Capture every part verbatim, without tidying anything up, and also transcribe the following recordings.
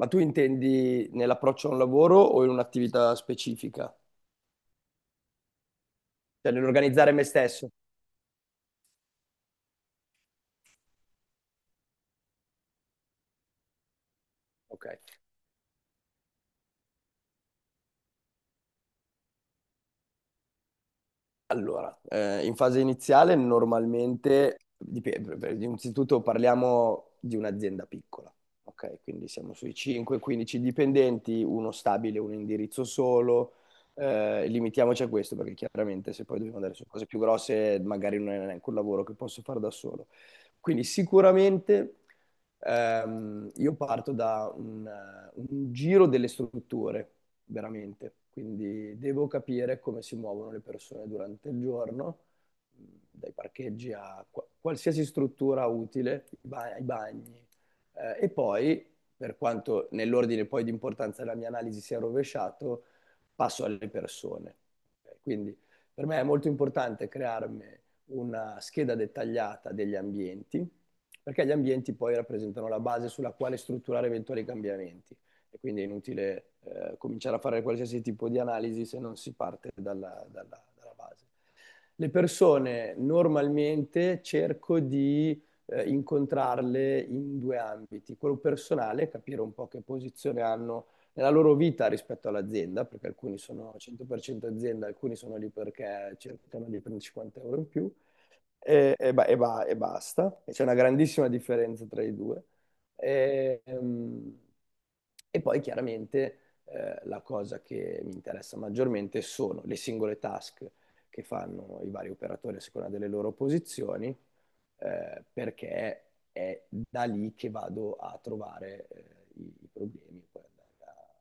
Ma tu intendi nell'approccio a un lavoro o in un'attività specifica? Cioè nell'organizzare me stesso? Ok. Allora, eh, in fase iniziale normalmente, dipende, per- innanzitutto parliamo di un'azienda piccola, ok? Quindi siamo sui cinque quindici dipendenti, uno stabile, un indirizzo solo, eh, limitiamoci a questo perché chiaramente se poi dobbiamo andare su cose più grosse magari non è neanche un lavoro che posso fare da solo. Quindi sicuramente ehm, io parto da un un giro delle strutture veramente. Quindi devo capire come si muovono le persone durante il giorno, mh, dai parcheggi a qua- qualsiasi struttura utile, i ba- ai bagni. Eh, e poi, per quanto nell'ordine poi di importanza della mia analisi sia rovesciato, passo alle persone. Ok. Quindi per me è molto importante crearmi una scheda dettagliata degli ambienti, perché gli ambienti poi rappresentano la base sulla quale strutturare eventuali cambiamenti. E quindi è inutile eh, cominciare a fare qualsiasi tipo di analisi se non si parte dalla, dalla, dalla base. Le persone normalmente cerco di eh, incontrarle in due ambiti, quello personale, capire un po' che posizione hanno nella loro vita rispetto all'azienda, perché alcuni sono cento per cento azienda, alcuni sono lì perché cercano di prendere cinquanta euro in più, e, e ba- e ba- e basta. E c'è una grandissima differenza tra i due. E, ehm, e poi chiaramente eh, la cosa che mi interessa maggiormente sono le singole task che fanno i vari operatori a seconda delle loro posizioni, eh, perché è da lì che vado a trovare eh, i, i problemi. Poi andare a...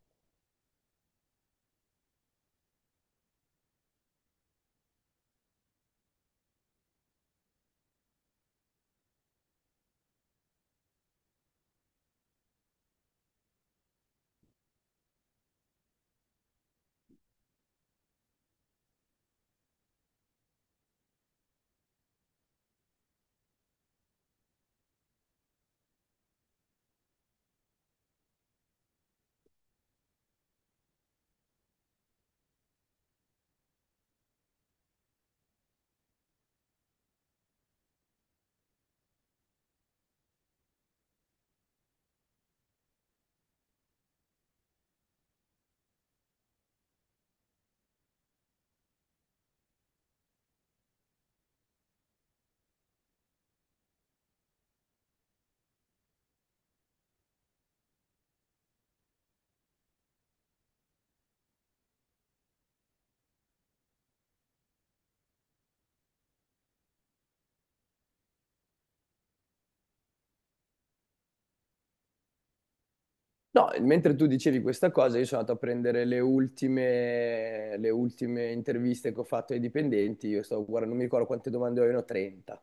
No, mentre tu dicevi questa cosa, io sono andato a prendere le ultime, le ultime interviste che ho fatto ai dipendenti. Io stavo guardando, non mi ricordo quante domande avevano, trenta.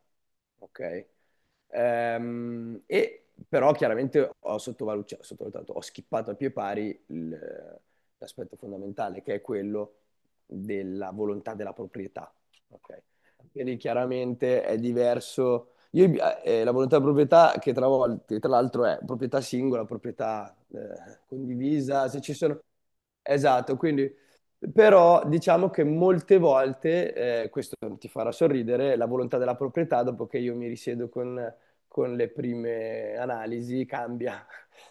Ok? Ehm, e però chiaramente ho sottovalu- cioè, ho sottovalutato, ho schippato a pie pari il- l'aspetto fondamentale, che è quello della volontà della proprietà. Ok? Quindi chiaramente è diverso, io, eh, la volontà di proprietà, che tra, vol- che tra l'altro è proprietà singola, proprietà eh, condivisa, se ci sono... Esatto, quindi... Però diciamo che molte volte, eh, questo ti farà sorridere, la volontà della proprietà, dopo che io mi risiedo con, con le prime analisi, cambia,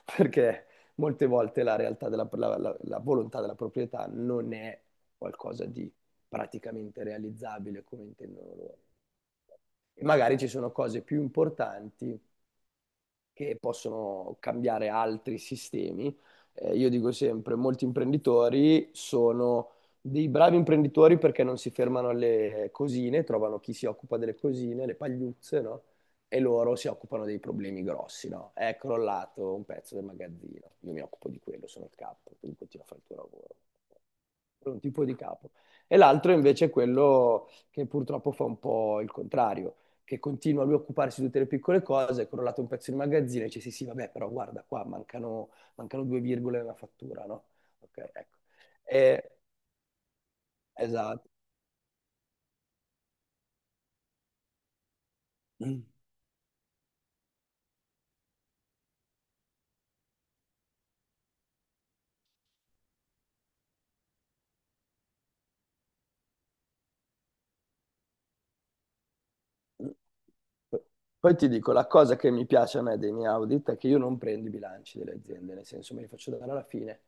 perché molte volte la realtà della, la la- la volontà della proprietà non è qualcosa di praticamente realizzabile come intendono loro, e magari ci sono cose più importanti che possono cambiare altri sistemi. Eh, io dico sempre, molti imprenditori sono dei bravi imprenditori perché non si fermano alle cosine, trovano chi si occupa delle cosine, le pagliuzze, no? E loro si occupano dei problemi grossi, no? È crollato un pezzo del magazzino, io mi occupo di quello, sono il capo, quindi continua a fare il tuo lavoro, per un tipo di capo. E l'altro invece è quello che purtroppo fa un po' il contrario, che continua lui a occuparsi di tutte le piccole cose, è crollato un pezzo di magazzino e dice sì sì vabbè però guarda qua mancano, mancano due virgole nella fattura, no? Ok, ecco. E- esatto. Poi ti dico, la cosa che mi piace a me dei miei audit è che io non prendo i bilanci delle aziende, nel senso me li faccio dare alla fine.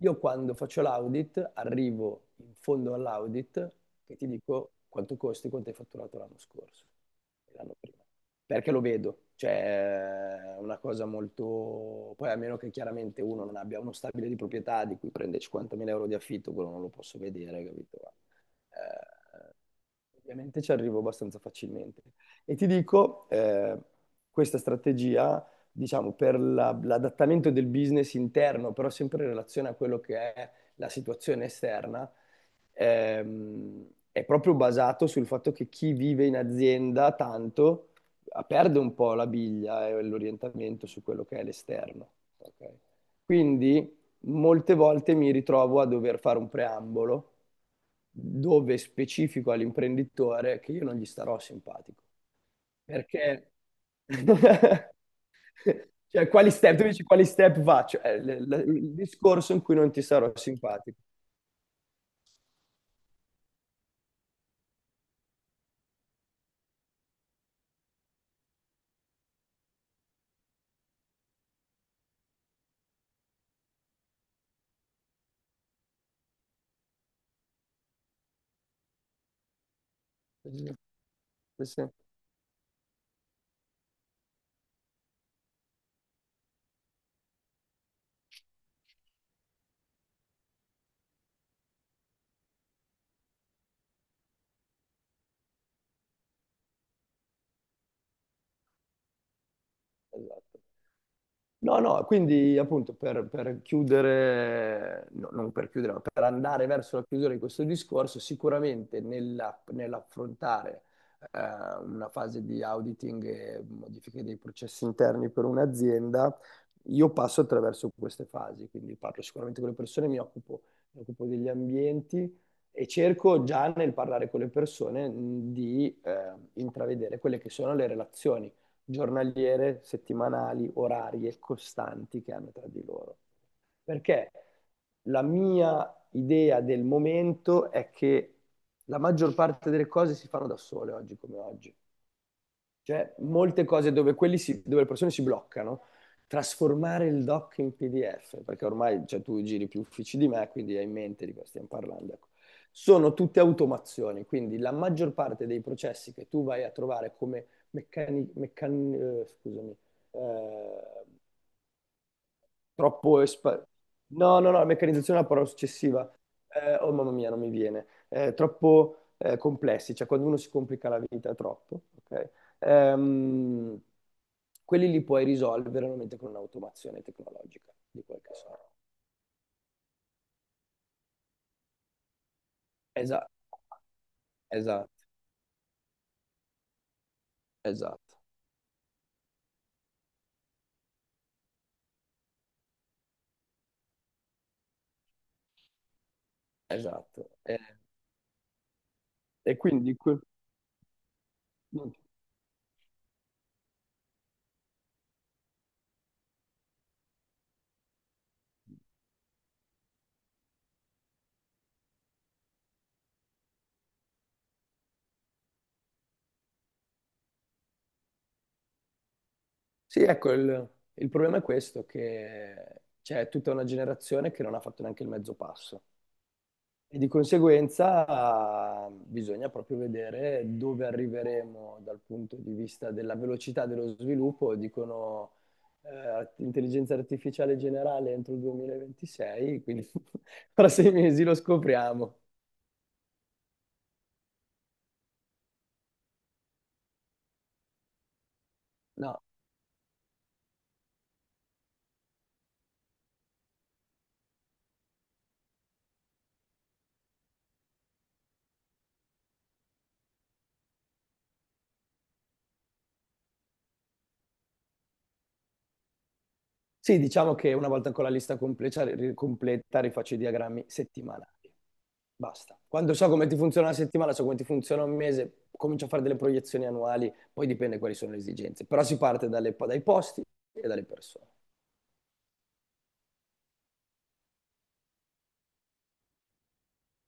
Io quando faccio l'audit arrivo in fondo all'audit e ti dico quanto costi, quanto hai fatturato l'anno scorso e l'anno prima. Perché lo vedo, cioè è una cosa molto... Poi a meno che chiaramente uno non abbia uno stabile di proprietà di cui prende cinquantamila euro di affitto, quello non lo posso vedere, capito? Eh, Ovviamente ci arrivo abbastanza facilmente. E ti dico, eh, questa strategia, diciamo, per la- l'adattamento del business interno, però sempre in relazione a quello che è la situazione esterna, ehm, è proprio basato sul fatto che chi vive in azienda tanto, ah, perde un po' la biglia e l'orientamento su quello che è l'esterno. Ok? Quindi molte volte mi ritrovo a dover fare un preambolo dove specifico all'imprenditore che io non gli starò simpatico. Perché, cioè, quali step, tu dici quali step faccio? È il discorso in cui non ti sarò simpatico. Sì, sì. Esatto. No, no, quindi appunto per, per chiudere, no, non per chiudere, ma per andare verso la chiusura di questo discorso, sicuramente nella- nell'affrontare eh, una fase di auditing e modifiche dei processi interni per un'azienda, io passo attraverso queste fasi, quindi parlo sicuramente con le persone, mi occupo, mi occupo degli ambienti e cerco già nel parlare con le persone, mh, di eh, intravedere quelle che sono le relazioni giornaliere, settimanali, orarie, costanti che hanno tra di loro. Perché la mia idea del momento è che la maggior parte delle cose si fanno da sole oggi come oggi. Cioè, molte cose dove, quelli si- dove le persone si bloccano, trasformare il doc in P D F, perché ormai, cioè, tu giri più uffici di me, quindi hai in mente di cosa stiamo parlando. Ecco. Sono tutte automazioni, quindi la maggior parte dei processi che tu vai a trovare come meccani, meccan- eh, scusami, eh, troppo... espa- No, no, no, meccanizzazione è la parola successiva. Eh, oh mamma mia, non mi viene. Eh, troppo eh, complessi, cioè quando uno si complica la vita troppo, ok? Ehm, Quelli li puoi risolvere veramente con un'automazione tecnologica di qualche sorta. Esatto, esatto, esatto, esatto. Eh, e quindi... que- Sì, ecco, il, il problema è questo, che c'è tutta una generazione che non ha fatto neanche il mezzo passo. E di conseguenza bisogna proprio vedere dove arriveremo dal punto di vista della velocità dello sviluppo. Dicono eh, intelligenza artificiale generale entro il duemilaventisei, quindi fra sei mesi lo scopriamo. No, sì, diciamo che una volta con la lista completa, ri- completa, rifaccio i diagrammi settimanali. Basta. Quando so come ti funziona una settimana, so come ti funziona un mese, comincio a fare delle proiezioni annuali, poi dipende quali sono le esigenze. Però si parte dalle- dai posti e dalle persone.